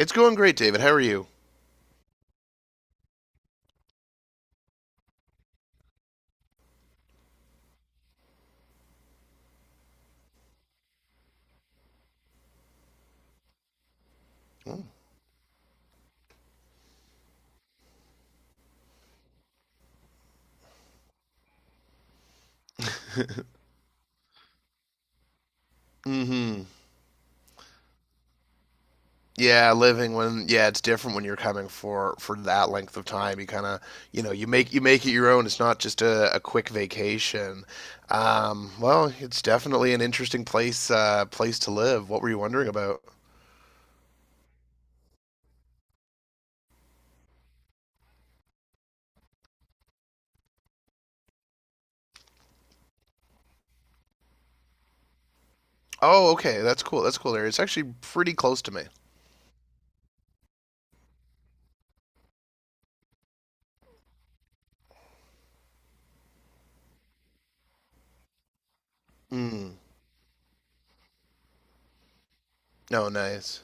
It's going great, David. How are you? Mm-hmm. Yeah, living when yeah, it's different when you're coming for that length of time. You kind of you know you make it your own. It's not just a quick vacation. Well, it's definitely an interesting place to live. What were you wondering about? Oh, okay, that's cool. That's cool area. It's actually pretty close to me. Mm. No, nice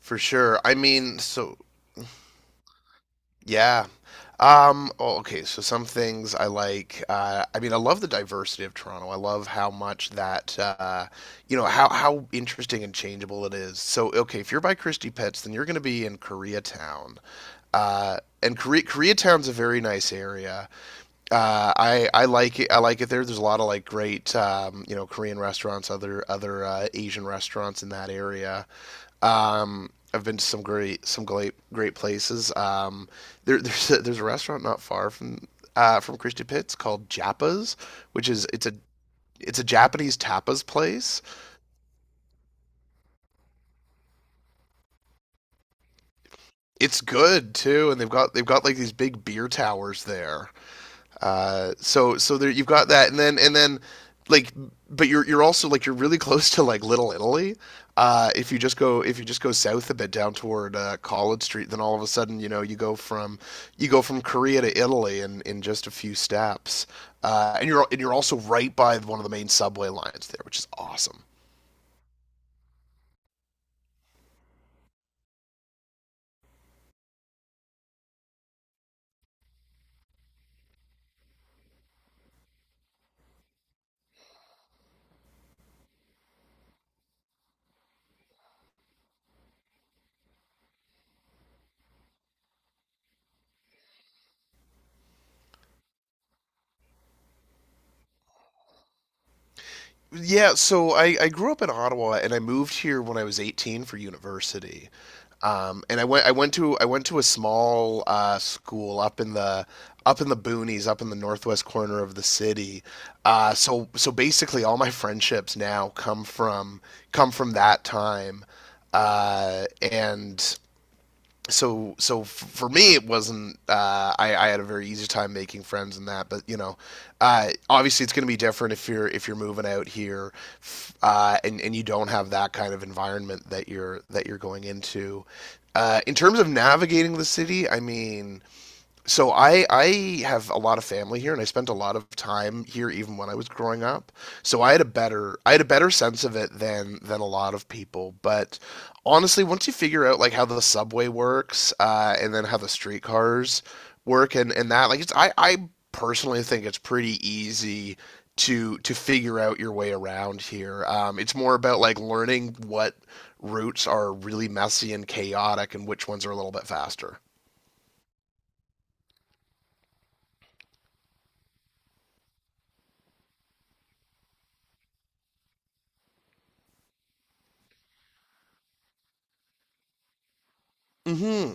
for sure. I mean, so yeah. Oh, okay, so some things I like. I mean, I love the diversity of Toronto. I love how much that, you know, how interesting and changeable it is. So, okay, if you're by Christie Pets, then you're going to be in Koreatown, and Koreatown's a very nice area. I like it. I like it there. There's a lot of like great, you know, Korean restaurants, other Asian restaurants in that area. I've been to some great places. There, there's a, restaurant not far from Christie Pitts called Japa's, which is it's a Japanese tapas place. It's good too, and they've got like these big beer towers there. So there you've got that, and then like, but you're also like you're really close to like Little Italy. If you just go south a bit down toward College Street, then all of a sudden you know you go from Korea to Italy in just a few steps, and you're also right by one of the main subway lines there, which is awesome. Yeah, so I grew up in Ottawa and I moved here when I was 18 for university. And I went to a small school up in the boonies, up in the northwest corner of the city. So basically all my friendships now come from that time. And so so for me it wasn't I had a very easy time making friends in that but you know, obviously it's going to be different if you're moving out here, and you don't have that kind of environment that you're going into. In terms of navigating the city, I mean, so I have a lot of family here and I spent a lot of time here even when I was growing up. So I had a better sense of it than a lot of people. But honestly, once you figure out like how the subway works, and then how the streetcars work and that, like I personally think it's pretty easy to figure out your way around here. It's more about like learning what routes are really messy and chaotic and which ones are a little bit faster. Mm hmm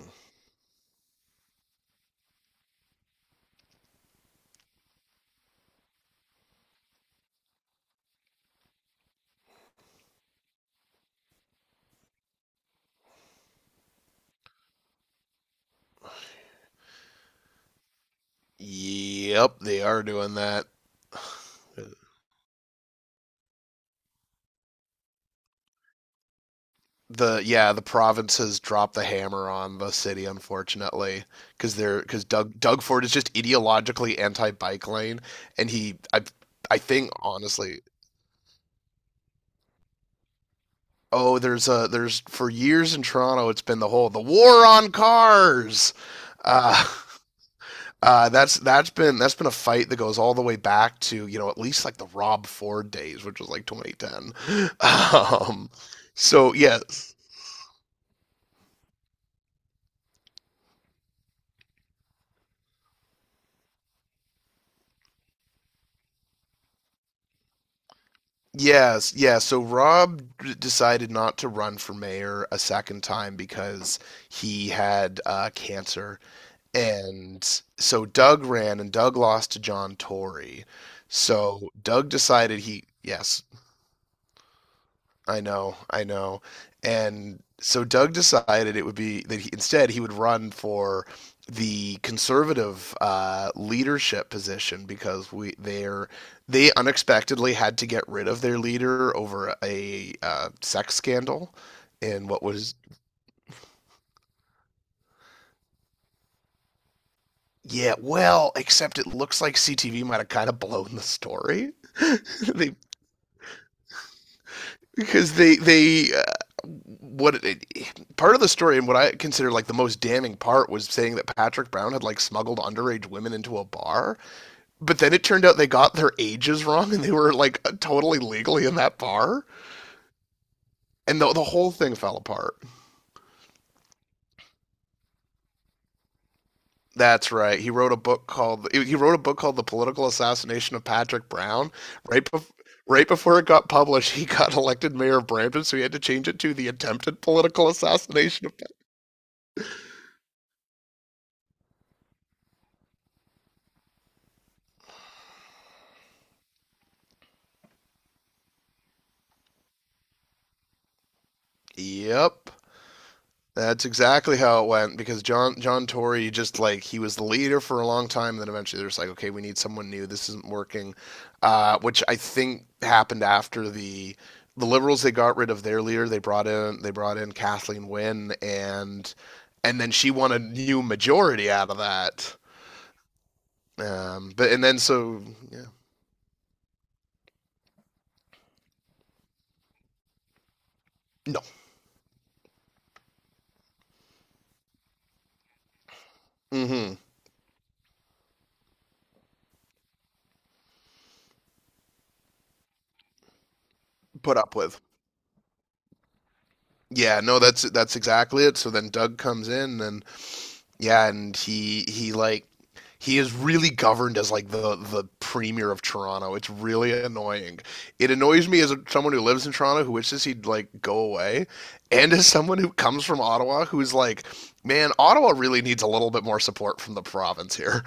Yep, they are doing that. the Yeah, the provinces dropped the hammer on the city, unfortunately, because they're because Doug Ford is just ideologically anti bike lane, and he I think honestly, oh there's a there's for years in Toronto it's been the whole the war on cars. uh that's been a fight that goes all the way back to you know at least like the Rob Ford days, which was like 2010. um so yeah Yes, yeah. So Rob decided not to run for mayor a second time because he had cancer. And so Doug ran and Doug lost to John Tory. So Doug decided he, yes. I know, I know. And so Doug decided it would be that he, instead he would run for the conservative leadership position because we they're they unexpectedly had to get rid of their leader over a sex scandal in what was. Yeah, well except it looks like CTV might have kind of blown the story. they Because what it, part of the story and what I consider like the most damning part was saying that Patrick Brown had like smuggled underage women into a bar, but then it turned out they got their ages wrong and they were like totally legally in that bar, and the whole thing fell apart. That's right. He wrote a book called The Political Assassination of Patrick Brown. Right before right before it got published, he got elected mayor of Brampton, so he had to change it to The Attempted Political Assassination of Pat-" Yep. That's exactly how it went because John Tory just like he was the leader for a long time, and then eventually they're just like, okay, we need someone new. This isn't working, which I think happened after the Liberals. They got rid of their leader. They brought in Kathleen Wynne, and then she won a new majority out of that. But and then so Yeah, no, mm-hmm, put up with. Yeah, no, that's exactly it. So then Doug comes in and yeah, and he like he is really governed as like the premier of Toronto. It's really annoying. It annoys me as a, someone who lives in Toronto who wishes he'd like go away, and as someone who comes from Ottawa who's like, man, Ottawa really needs a little bit more support from the province here.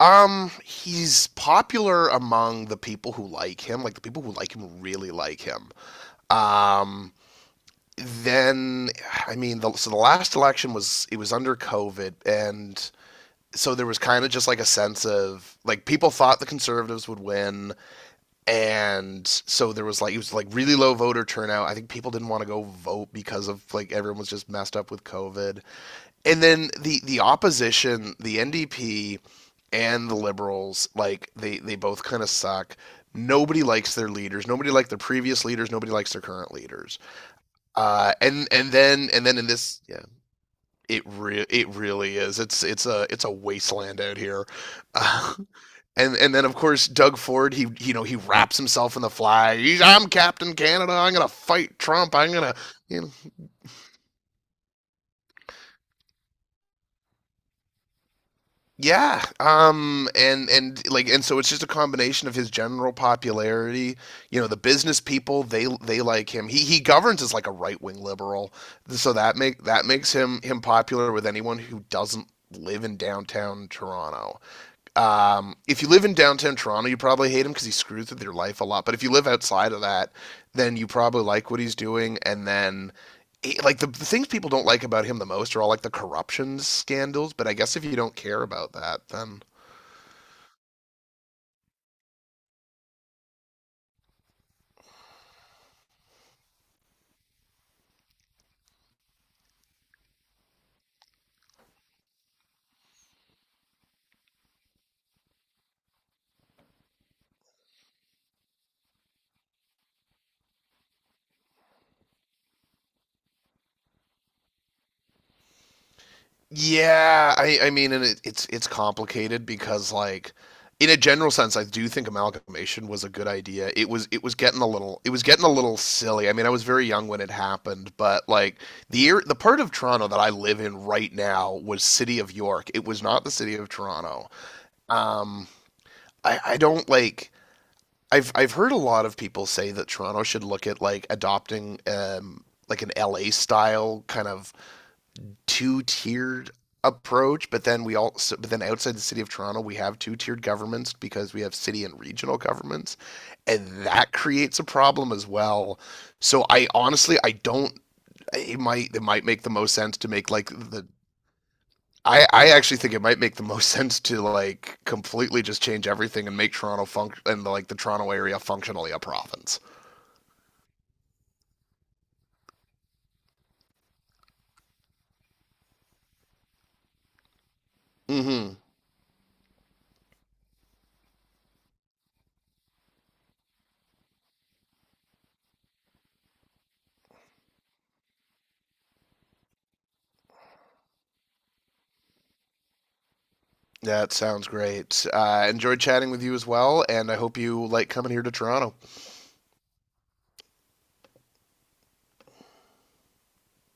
He's popular among the people who like him. Like the people who like him really like him. Um, then I mean, so the last election was it was under COVID, and so there was kind of just like a sense of like people thought the conservatives would win, and so there was like it was like really low voter turnout. I think people didn't want to go vote because of like everyone was just messed up with COVID. And then the opposition, the NDP and the Liberals, like they both kind of suck. Nobody likes their leaders, nobody liked their previous leaders, nobody likes their current leaders. And then in this Yeah, it it really is. It's a wasteland out here. uh, and then of course Doug Ford, he you know he wraps himself in the flag. He's, I'm Captain Canada. I'm gonna fight Trump. I'm gonna you know. Yeah and like and So it's just a combination of his general popularity. You know the business people, they like him. He governs as like a right wing liberal, so that makes him popular with anyone who doesn't live in downtown Toronto. If you live in downtown Toronto, you probably hate him because he screws with your life a lot. But if you live outside of that, then you probably like what he's doing. And then, eh, like the things people don't like about him the most are all like the corruption scandals. But I guess if you don't care about that, then yeah, I mean, and it's complicated because like in a general sense, I do think amalgamation was a good idea. It was getting a little it was getting a little silly. I mean, I was very young when it happened, but like the part of Toronto that I live in right now was City of York. It was not the City of Toronto. Um, I don't like. I've heard a lot of people say that Toronto should look at like adopting like an LA style kind of two tiered approach, but then outside the city of Toronto we have two tiered governments because we have city and regional governments, and that creates a problem as well. So I honestly I don't, it might make the most sense to make like the I actually think it might make the most sense to like completely just change everything and make Toronto func and like the Toronto area functionally a province. Mm-hmm. That sounds great. I enjoyed chatting with you as well, and I hope you like coming here to Toronto.